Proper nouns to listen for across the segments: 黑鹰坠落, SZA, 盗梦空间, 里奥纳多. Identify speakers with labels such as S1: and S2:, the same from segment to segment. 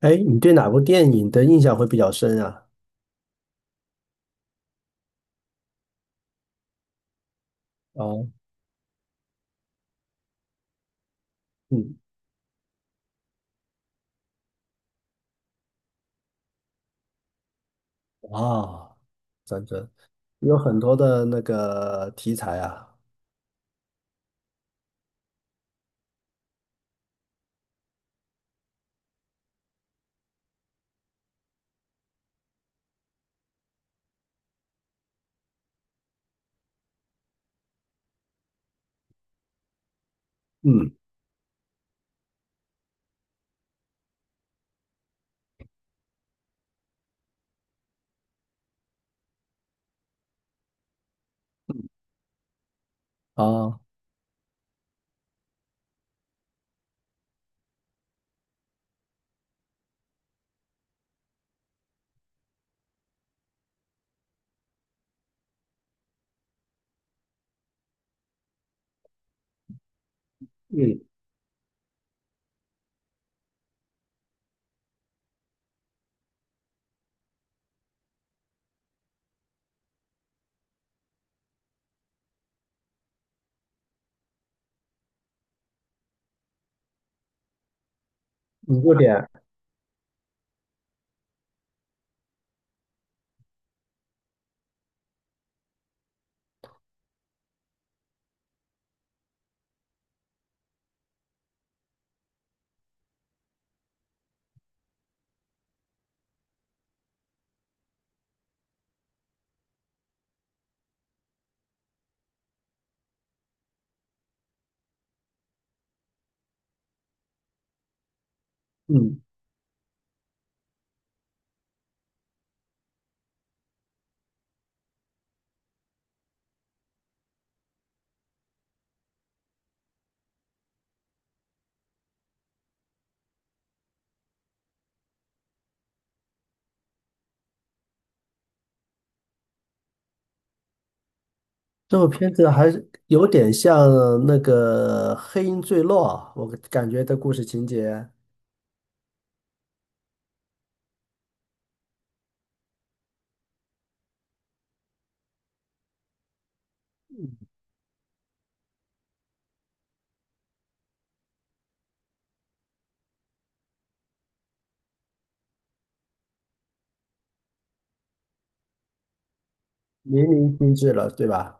S1: 哎，你对哪部电影的印象会比较深啊？哦。嗯。啊。战争有很多的那个题材啊。嗯。啊。嗯。你有点，嗯。这部片子还是有点像那个《黑鹰坠落》，我感觉的故事情节淋漓尽致了，对吧？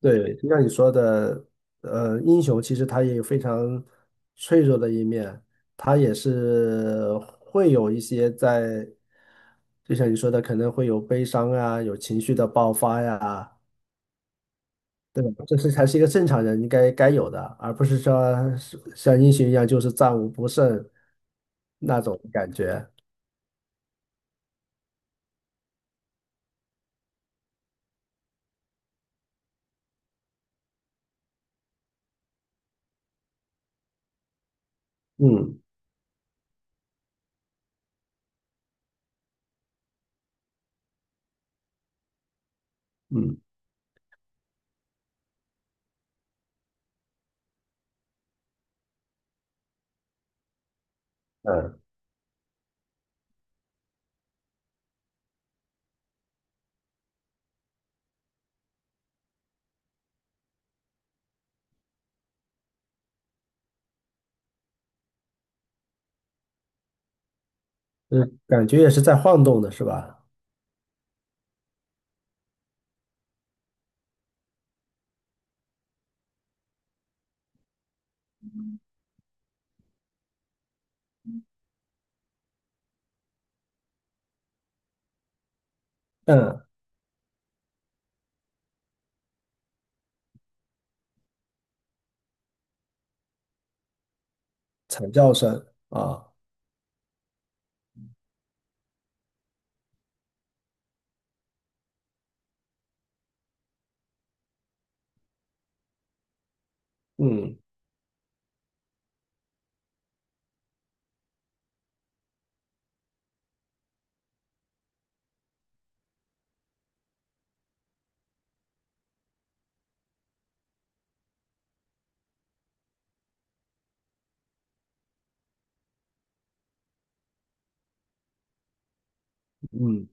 S1: 对，就像你说的，英雄其实他也有非常脆弱的一面，他也是会有一些在，就像你说的，可能会有悲伤啊，有情绪的爆发呀，对吧？这是才是一个正常人应该该有的，而不是说是像英雄一样就是战无不胜那种感觉。嗯嗯嗯。嗯，感觉也是在晃动的，是吧？嗯。惨叫声啊。嗯嗯。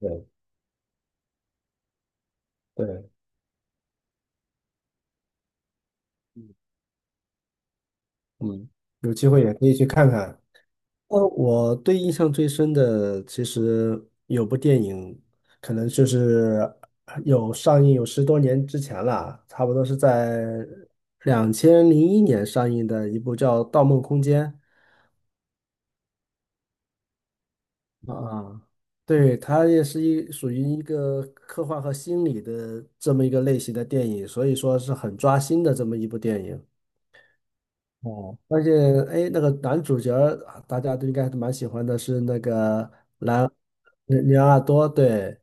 S1: 对。对。嗯。有机会也可以去看看。我对印象最深的，其实有部电影，可能就是有上映有十多年之前了，差不多是在2001年上映的一部叫《盗梦空间》。啊，对，它也是一属于一个科幻和心理的这么一个类型的电影，所以说是很抓心的这么一部电影。哦，而且哎，那个男主角儿大家都应该还蛮喜欢的，是那个里奥纳多，对，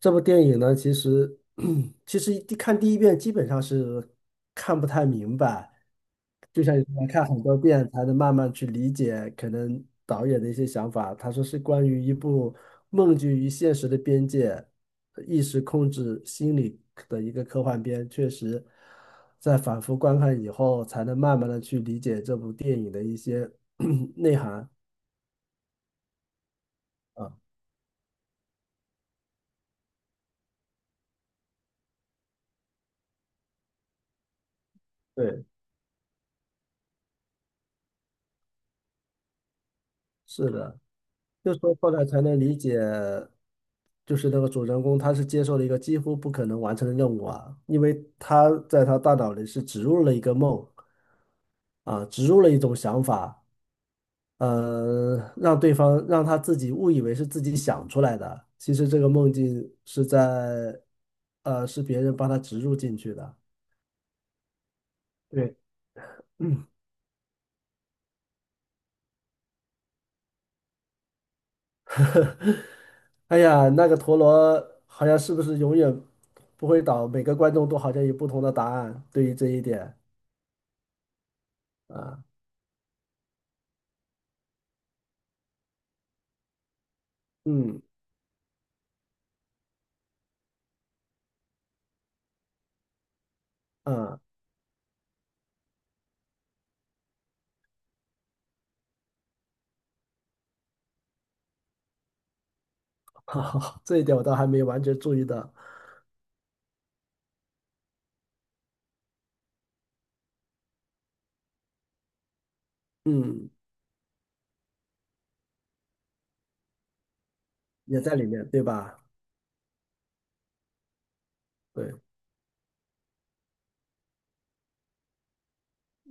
S1: 这部电影呢，其实 其实一看第一遍基本上是看不太明白，就像你说看很多遍才能慢慢去理解可能导演的一些想法。他说是关于一部梦境与现实的边界、意识控制心理的一个科幻片，确实在反复观看以后，才能慢慢的去理解这部电影的一些 内涵啊。对，是的。就说后来才能理解，就是那个主人公他是接受了一个几乎不可能完成的任务啊，因为他在他大脑里是植入了一个梦啊，植入了一种想法，让对方让他自己误以为是自己想出来的，其实这个梦境是在，是别人帮他植入进去的。对，哎呀，那个陀螺好像是不是永远不会倒？每个观众都好像有不同的答案，对于这一点啊。嗯嗯。好，这一点我倒还没完全注意到。嗯，也在里面，对吧？对。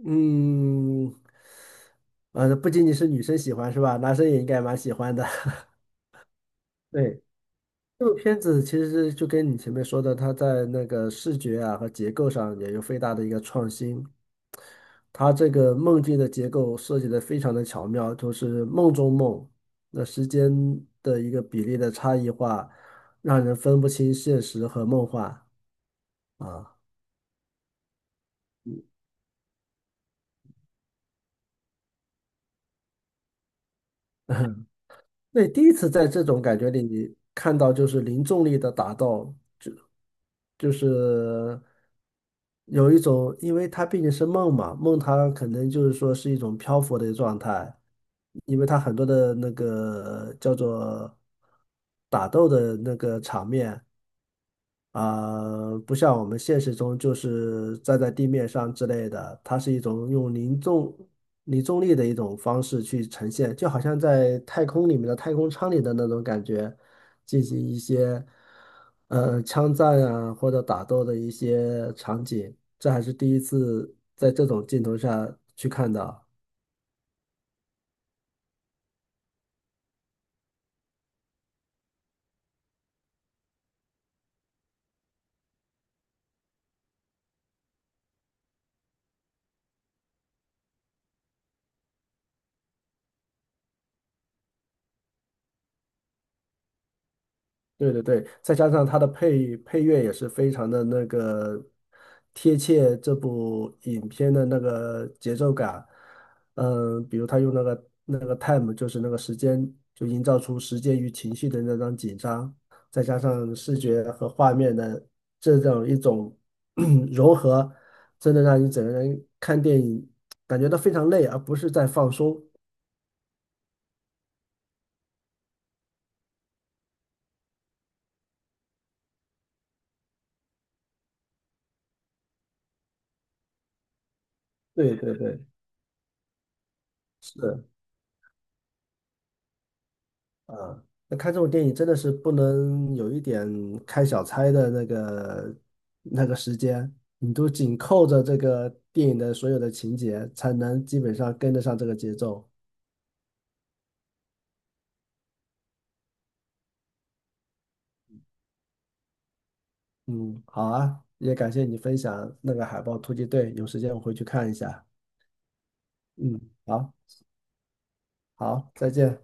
S1: 嗯。不仅仅是女生喜欢是吧？男生也应该蛮喜欢的。对，这个片子其实就跟你前面说的，它在那个视觉啊和结构上也有非常大的一个创新。它这个梦境的结构设计的非常的巧妙，就是梦中梦，那时间的一个比例的差异化，让人分不清现实和梦幻啊。那第一次在这种感觉里看到就是零重力的打斗，就就是有一种，因为它毕竟是梦嘛，梦它可能就是说是一种漂浮的状态，因为它很多的那个叫做打斗的那个场面，啊、不像我们现实中就是站在地面上之类的，它是一种用零重力的一种方式去呈现，就好像在太空里面的太空舱里的那种感觉，进行一些枪战啊或者打斗的一些场景，这还是第一次在这种镜头下去看到。对对对，再加上它的配乐也是非常的那个贴切这部影片的那个节奏感，嗯，比如他用那个 time，就是那个时间，就营造出时间与情绪的那张紧张，再加上视觉和画面的这种一种 融合，真的让你整个人看电影感觉到非常累，而不是在放松。对对对，是。啊，那看这种电影真的是不能有一点开小差的那个时间，你都紧扣着这个电影的所有的情节，才能基本上跟得上这个节奏。嗯，好啊，也感谢你分享那个海豹突击队，有时间我回去看一下。嗯，好，好，再见。